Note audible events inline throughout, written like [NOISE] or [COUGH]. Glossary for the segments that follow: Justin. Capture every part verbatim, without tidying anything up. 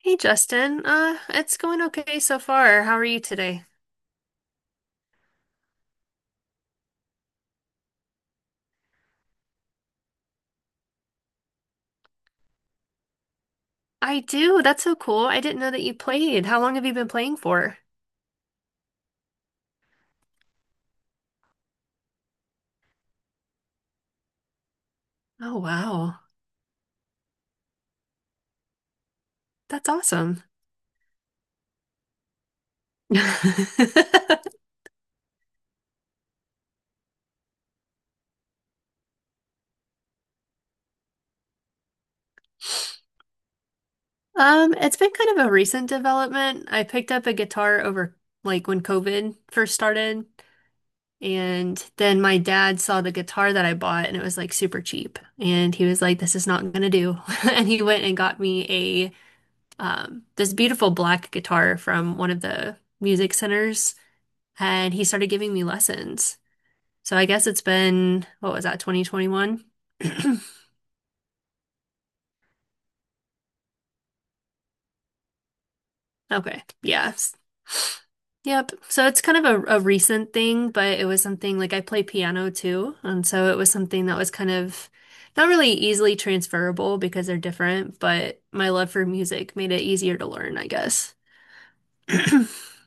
Hey Justin, uh, it's going okay so far. How are you today? I do. That's so cool. I didn't know that you played. How long have you been playing for? Oh wow. That's awesome. [LAUGHS] Um, it's been kind of a recent development. I picked up a guitar over like when COVID first started, and then my dad saw the guitar that I bought and it was like super cheap. And he was like, This is not gonna do. [LAUGHS] And he went and got me um, this beautiful black guitar from one of the music centers, and he started giving me lessons. So I guess it's been, what was that, twenty twenty-one? [CLEARS THROAT] Okay, yes. Yep. So it's kind of a, a recent thing, but it was something like I play piano too. And so it was something that was kind of not really easily transferable because they're different, but my love for music made it easier to learn, I guess. [CLEARS THROAT]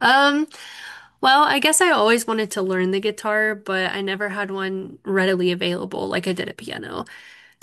Um, Well, I guess I always wanted to learn the guitar, but I never had one readily available like I did a piano.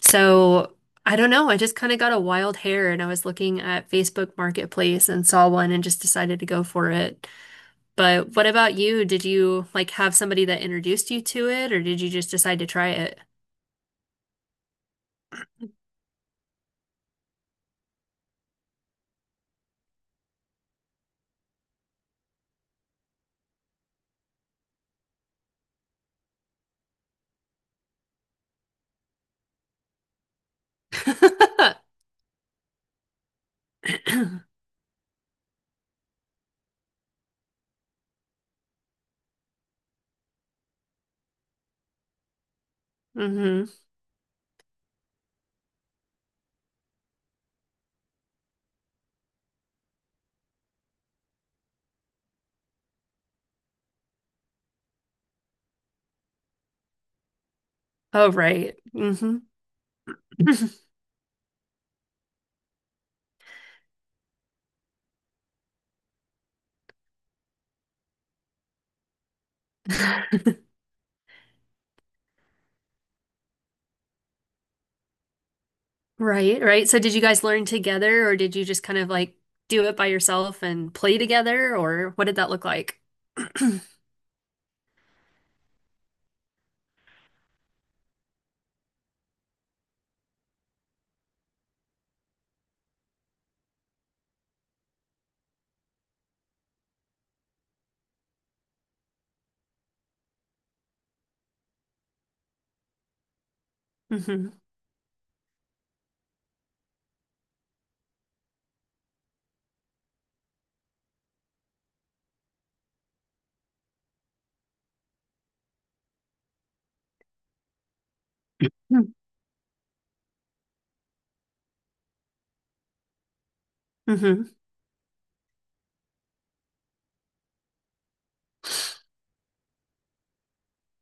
So I don't know. I just kind of got a wild hair and I was looking at Facebook Marketplace and saw one and just decided to go for it. But what about you? Did you like have somebody that introduced you to it or did you just decide to try it? [LAUGHS] Mm-hmm. Oh, right. Mm-hmm. [LAUGHS] Right, right. So did you guys learn together or did you just kind of like do it by yourself and play together or what did that look like? [CLEARS THROAT] hmm hmm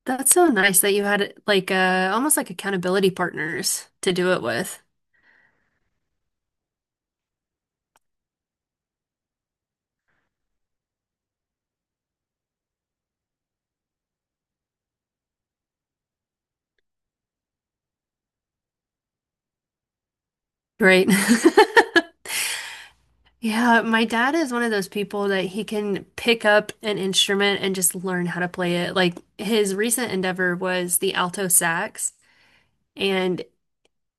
That's so nice that you had like uh almost like accountability partners to do it with. Great. [LAUGHS] Yeah, my dad is one of those people that he can pick up an instrument and just learn how to play it. Like his recent endeavor was the alto sax, and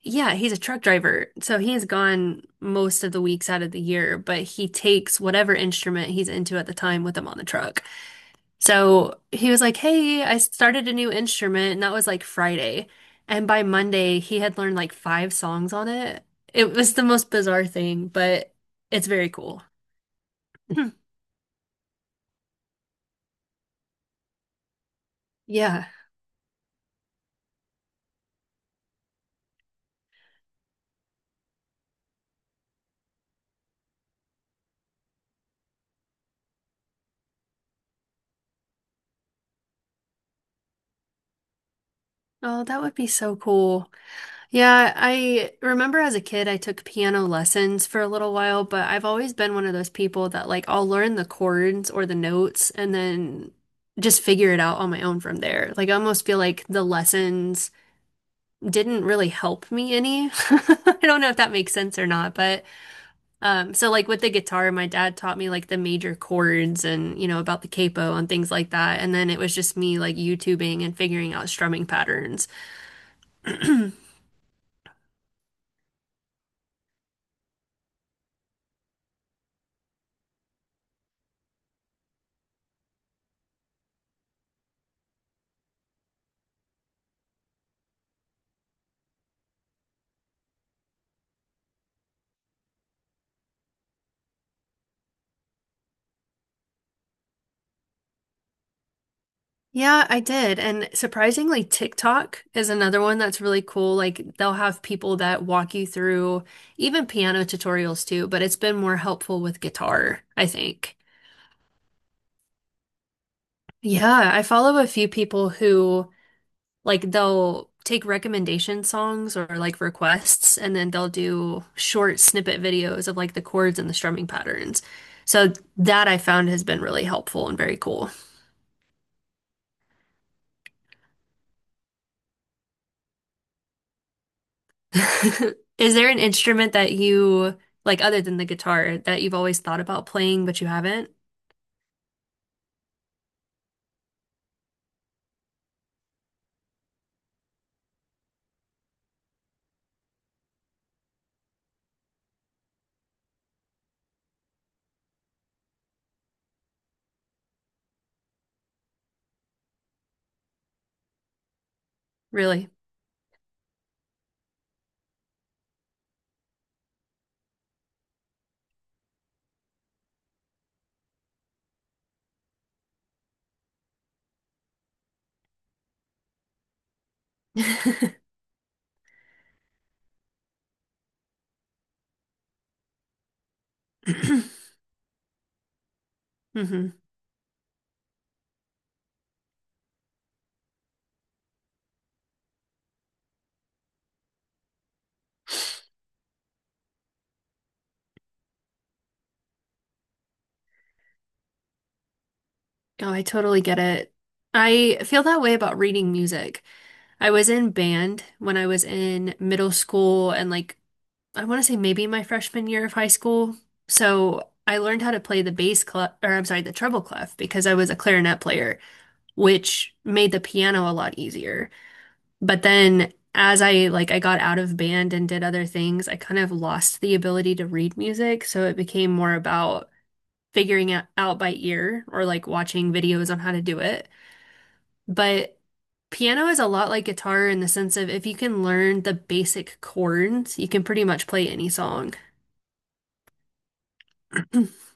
yeah, he's a truck driver. So he is gone most of the weeks out of the year, but he takes whatever instrument he's into at the time with him on the truck. So he was like, Hey, I started a new instrument. And that was like Friday. And by Monday, he had learned like five songs on it. It was the most bizarre thing, but it's very cool. [LAUGHS] Yeah. Oh, that would be so cool. Yeah, I remember as a kid, I took piano lessons for a little while, but I've always been one of those people that like I'll learn the chords or the notes and then just figure it out on my own from there. Like I almost feel like the lessons didn't really help me any. [LAUGHS] I don't know if that makes sense or not, but um so like with the guitar, my dad taught me like the major chords and you know about the capo and things like that, and then it was just me like YouTubing and figuring out strumming patterns. Yeah, I did. And surprisingly, TikTok is another one that's really cool. Like they'll have people that walk you through even piano tutorials too, but it's been more helpful with guitar, I think. Yeah, I follow a few people who like they'll take recommendation songs or like requests and then they'll do short snippet videos of like the chords and the strumming patterns. So that I found has been really helpful and very cool. [LAUGHS] Is there an instrument that you like other than the guitar that you've always thought about playing but you haven't? Really? [CLEARS THROAT] [LAUGHS] hmm Oh, I totally get it. I feel that way about reading music. I was in band when I was in middle school and like I want to say maybe my freshman year of high school. So I learned how to play the bass clef, or I'm sorry, the treble clef because I was a clarinet player, which made the piano a lot easier. But then as I like I got out of band and did other things, I kind of lost the ability to read music, so it became more about figuring it out by ear or like watching videos on how to do it. But piano is a lot like guitar in the sense of if you can learn the basic chords, you can pretty much play any song. [CLEARS THROAT]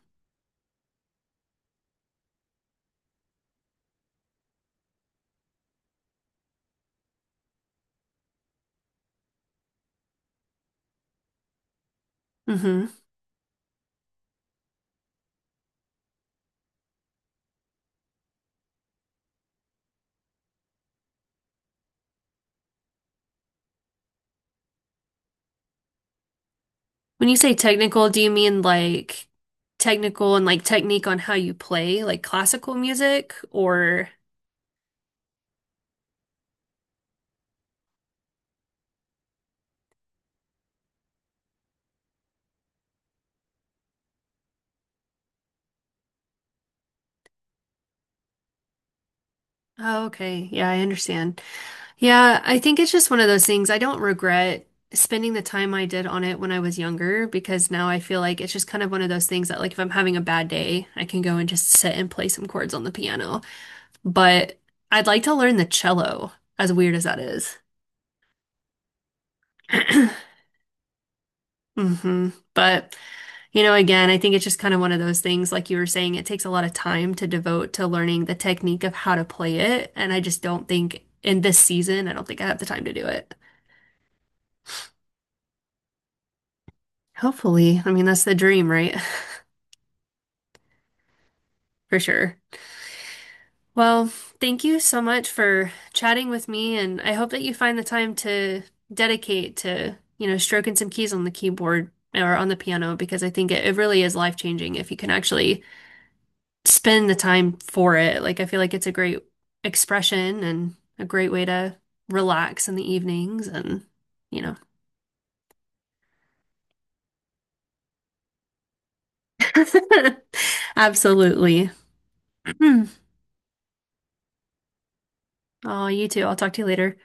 hmm When you say technical, do you mean like technical and like technique on how you play, like classical music or oh, okay. Yeah, I understand. Yeah, I think it's just one of those things. I don't regret spending the time I did on it when I was younger because now I feel like it's just kind of one of those things that, like, if I'm having a bad day, I can go and just sit and play some chords on the piano. But I'd like to learn the cello, as weird as that is. [CLEARS THROAT] hmm But, you know, again, I think it's just kind of one of those things, like you were saying, it takes a lot of time to devote to learning the technique of how to play it. And I just don't think in this season, I don't think I have the time to do it. Hopefully. I mean, that's the dream, right? [LAUGHS] For sure. Well, thank you so much for chatting with me, and I hope that you find the time to dedicate to, you know, stroking some keys on the keyboard or on the piano because I think it, it really is life-changing if you can actually spend the time for it. Like, I feel like it's a great expression and a great way to relax in the evenings and, you know. [LAUGHS] Absolutely. [CLEARS THROAT] Oh, you too. I'll talk to you later.